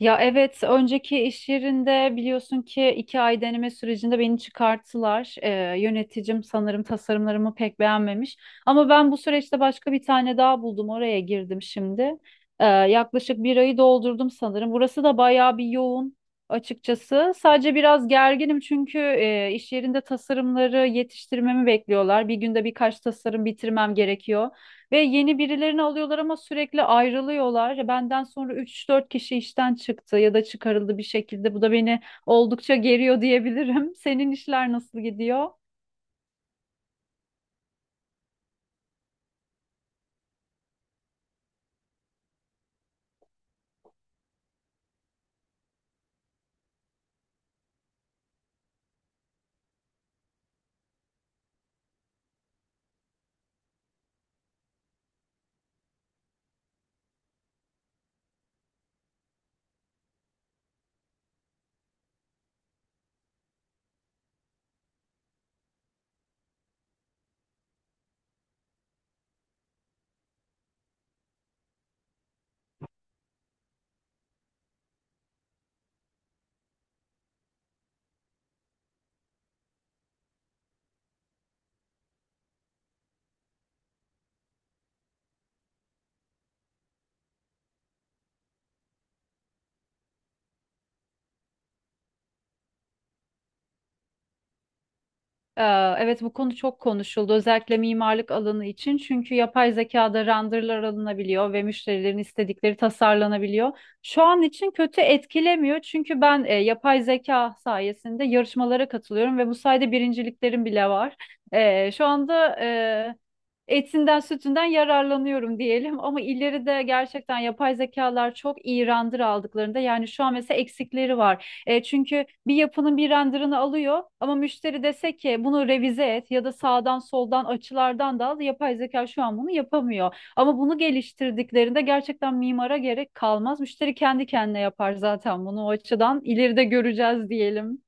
Ya evet, önceki iş yerinde biliyorsun ki 2 ay deneme sürecinde beni çıkarttılar. Yöneticim sanırım tasarımlarımı pek beğenmemiş. Ama ben bu süreçte başka bir tane daha buldum. Oraya girdim şimdi. Yaklaşık 1 ayı doldurdum sanırım. Burası da bayağı bir yoğun açıkçası. Sadece biraz gerginim çünkü iş yerinde tasarımları yetiştirmemi bekliyorlar. Bir günde birkaç tasarım bitirmem gerekiyor. Ve yeni birilerini alıyorlar ama sürekli ayrılıyorlar. Ya benden sonra 3 4 kişi işten çıktı ya da çıkarıldı bir şekilde. Bu da beni oldukça geriyor diyebilirim. Senin işler nasıl gidiyor? Ee, Evet, bu konu çok konuşuldu özellikle mimarlık alanı için çünkü yapay zekada renderlar alınabiliyor ve müşterilerin istedikleri tasarlanabiliyor. Şu an için kötü etkilemiyor çünkü ben yapay zeka sayesinde yarışmalara katılıyorum ve bu sayede birinciliklerim bile var. Şu anda etinden sütünden yararlanıyorum diyelim ama ileride gerçekten yapay zekalar çok iyi render aldıklarında yani şu an mesela eksikleri var. Çünkü bir yapının bir renderını alıyor ama müşteri dese ki bunu revize et ya da sağdan soldan açılardan da al, yapay zeka şu an bunu yapamıyor. Ama bunu geliştirdiklerinde gerçekten mimara gerek kalmaz. Müşteri kendi kendine yapar zaten bunu, o açıdan ileride göreceğiz diyelim.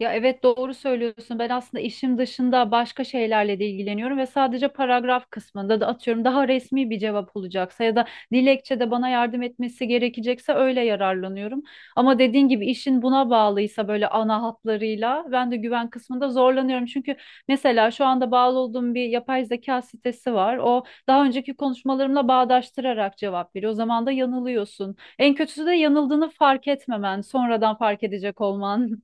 Ya evet, doğru söylüyorsun. Ben aslında işim dışında başka şeylerle de ilgileniyorum ve sadece paragraf kısmında da atıyorum daha resmi bir cevap olacaksa ya da dilekçede bana yardım etmesi gerekecekse öyle yararlanıyorum. Ama dediğin gibi işin buna bağlıysa böyle ana hatlarıyla ben de güven kısmında zorlanıyorum. Çünkü mesela şu anda bağlı olduğum bir yapay zeka sitesi var. O daha önceki konuşmalarımla bağdaştırarak cevap veriyor. O zaman da yanılıyorsun. En kötüsü de yanıldığını fark etmemen, sonradan fark edecek olman.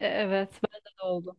Evet, bende de oldu.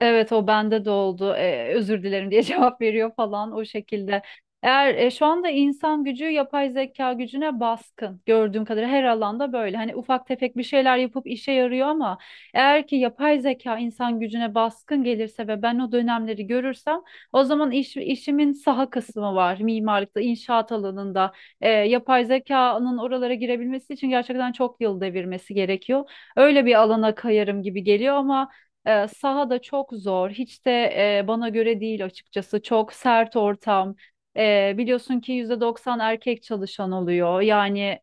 Evet, o bende de oldu. Özür dilerim diye cevap veriyor falan, o şekilde. Eğer şu anda insan gücü yapay zeka gücüne baskın, gördüğüm kadarıyla her alanda böyle. Hani ufak tefek bir şeyler yapıp işe yarıyor ama eğer ki yapay zeka insan gücüne baskın gelirse ve ben o dönemleri görürsem o zaman işimin saha kısmı var. Mimarlıkta, inşaat alanında yapay zekanın oralara girebilmesi için gerçekten çok yıl devirmesi gerekiyor. Öyle bir alana kayarım gibi geliyor ama saha da çok zor. Hiç de bana göre değil açıkçası. Çok sert ortam. Biliyorsun ki %90 erkek çalışan oluyor. Yani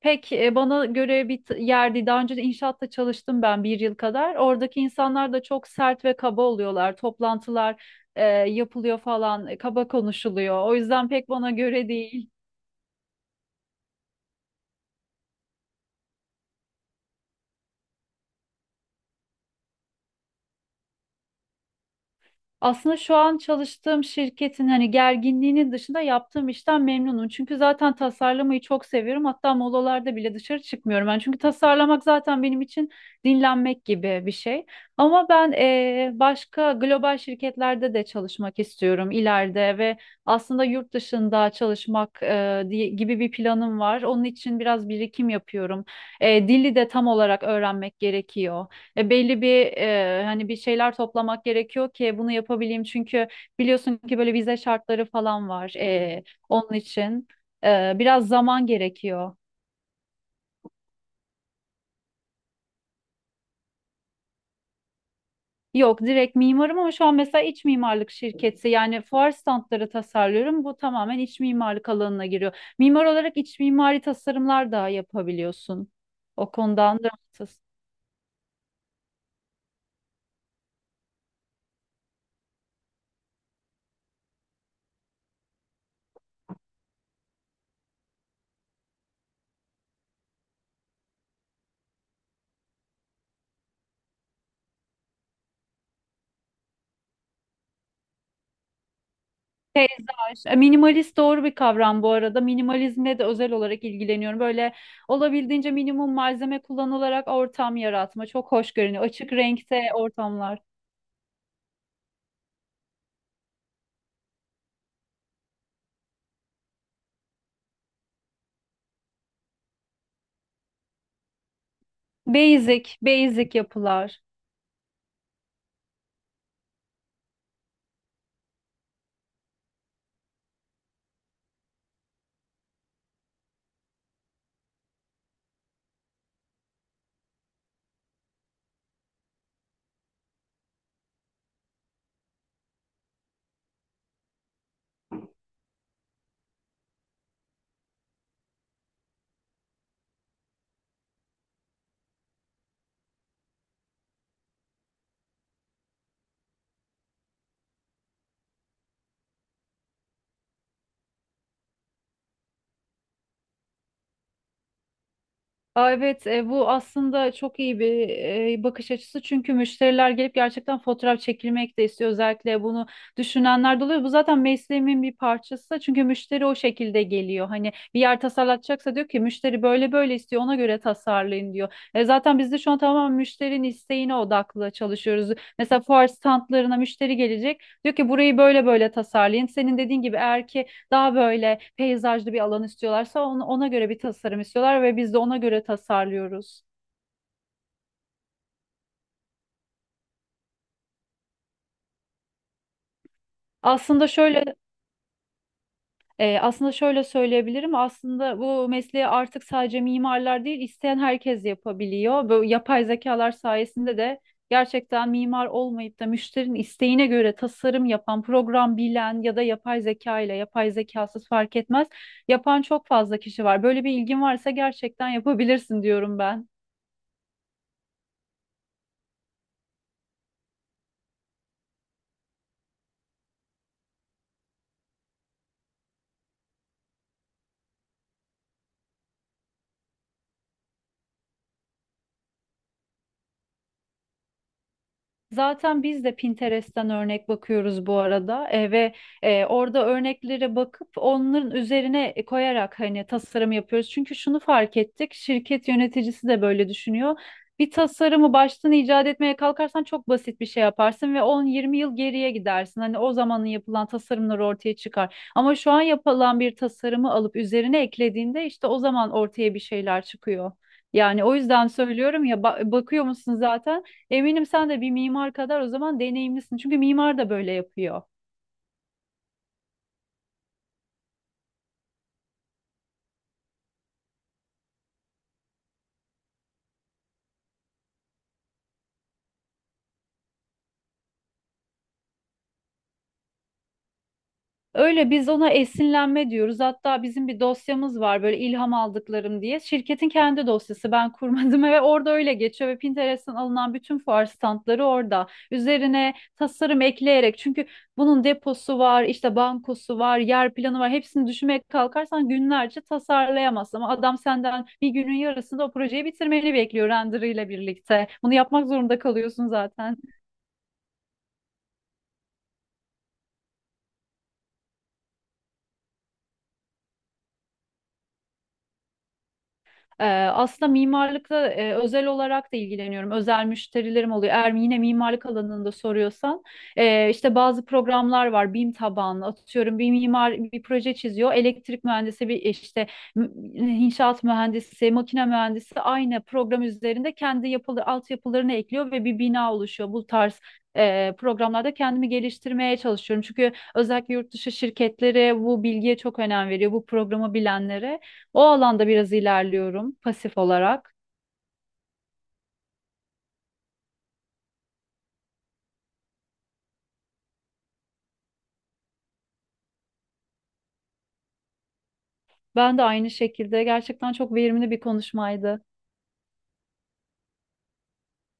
pek bana göre bir yer değil. Daha önce de inşaatta çalıştım ben 1 yıl kadar. Oradaki insanlar da çok sert ve kaba oluyorlar. Toplantılar yapılıyor falan. Kaba konuşuluyor. O yüzden pek bana göre değil. Aslında şu an çalıştığım şirketin hani gerginliğinin dışında yaptığım işten memnunum. Çünkü zaten tasarlamayı çok seviyorum. Hatta molalarda bile dışarı çıkmıyorum ben. Çünkü tasarlamak zaten benim için dinlenmek gibi bir şey. Ama ben başka global şirketlerde de çalışmak istiyorum ileride ve aslında yurt dışında çalışmak gibi bir planım var. Onun için biraz birikim yapıyorum. Dili de tam olarak öğrenmek gerekiyor. Belli bir hani bir şeyler toplamak gerekiyor ki bunu yapabileyim. Çünkü biliyorsun ki böyle vize şartları falan var onun için. Biraz zaman gerekiyor. Yok, direkt mimarım ama şu an mesela iç mimarlık şirketi, yani fuar standları tasarlıyorum. Bu tamamen iç mimarlık alanına giriyor. Mimar olarak iç mimari tasarımlar da yapabiliyorsun. O konudan rahatsız. Minimalist doğru bir kavram bu arada. Minimalizmle de özel olarak ilgileniyorum. Böyle olabildiğince minimum malzeme kullanılarak ortam yaratma. Çok hoş görünüyor. Açık renkte ortamlar. Basic, basic yapılar. Aa evet, bu aslında çok iyi bir bakış açısı çünkü müşteriler gelip gerçekten fotoğraf çekilmek de istiyor, özellikle bunu düşünenler de oluyor. Bu zaten mesleğimin bir parçası çünkü müşteri o şekilde geliyor. Hani bir yer tasarlatacaksa diyor ki müşteri, böyle böyle istiyor, ona göre tasarlayın diyor. Zaten biz de şu an tamamen müşterinin isteğine odaklı çalışıyoruz. Mesela fuar standlarına müşteri gelecek, diyor ki burayı böyle böyle tasarlayın. Senin dediğin gibi eğer ki daha böyle peyzajlı bir alan istiyorlarsa ona göre bir tasarım istiyorlar ve biz de ona göre tasarlıyoruz. Aslında şöyle Aslında şöyle söyleyebilirim. Aslında bu mesleği artık sadece mimarlar değil, isteyen herkes yapabiliyor. Bu yapay zekalar sayesinde de gerçekten mimar olmayıp da müşterinin isteğine göre tasarım yapan, program bilen ya da yapay zeka ile yapay zekasız fark etmez, yapan çok fazla kişi var. Böyle bir ilgin varsa gerçekten yapabilirsin diyorum ben. Zaten biz de Pinterest'ten örnek bakıyoruz bu arada. Orada örneklere bakıp onların üzerine koyarak hani tasarım yapıyoruz. Çünkü şunu fark ettik, şirket yöneticisi de böyle düşünüyor. Bir tasarımı baştan icat etmeye kalkarsan çok basit bir şey yaparsın ve 10-20 yıl geriye gidersin. Hani o zamanın yapılan tasarımlar ortaya çıkar. Ama şu an yapılan bir tasarımı alıp üzerine eklediğinde, işte o zaman ortaya bir şeyler çıkıyor. Yani o yüzden söylüyorum ya, bakıyor musun zaten? Eminim sen de bir mimar kadar o zaman deneyimlisin. Çünkü mimar da böyle yapıyor. Öyle, biz ona esinlenme diyoruz. Hatta bizim bir dosyamız var böyle, ilham aldıklarım diye. Şirketin kendi dosyası, ben kurmadım ve orada öyle geçiyor ve Pinterest'ten alınan bütün fuar standları orada. Üzerine tasarım ekleyerek, çünkü bunun deposu var, işte bankosu var, yer planı var. Hepsini düşünmeye kalkarsan günlerce tasarlayamazsın ama adam senden bir günün yarısında o projeyi bitirmeni bekliyor, render birlikte. Bunu yapmak zorunda kalıyorsun zaten. Ee, Aslında mimarlıkla özel olarak da ilgileniyorum. Özel müşterilerim oluyor. Eğer yine mimarlık alanında soruyorsan işte bazı programlar var. BİM tabanlı, atıyorum bir mimar bir proje çiziyor. Elektrik mühendisi bir işte m- inşaat mühendisi, makine mühendisi aynı program üzerinde kendi yapılı altyapılarını ekliyor ve bir bina oluşuyor. Bu tarz programlarda kendimi geliştirmeye çalışıyorum. Çünkü özellikle yurt dışı şirketleri bu bilgiye çok önem veriyor. Bu programı bilenlere. O alanda biraz ilerliyorum pasif olarak. Ben de aynı şekilde, gerçekten çok verimli bir konuşmaydı.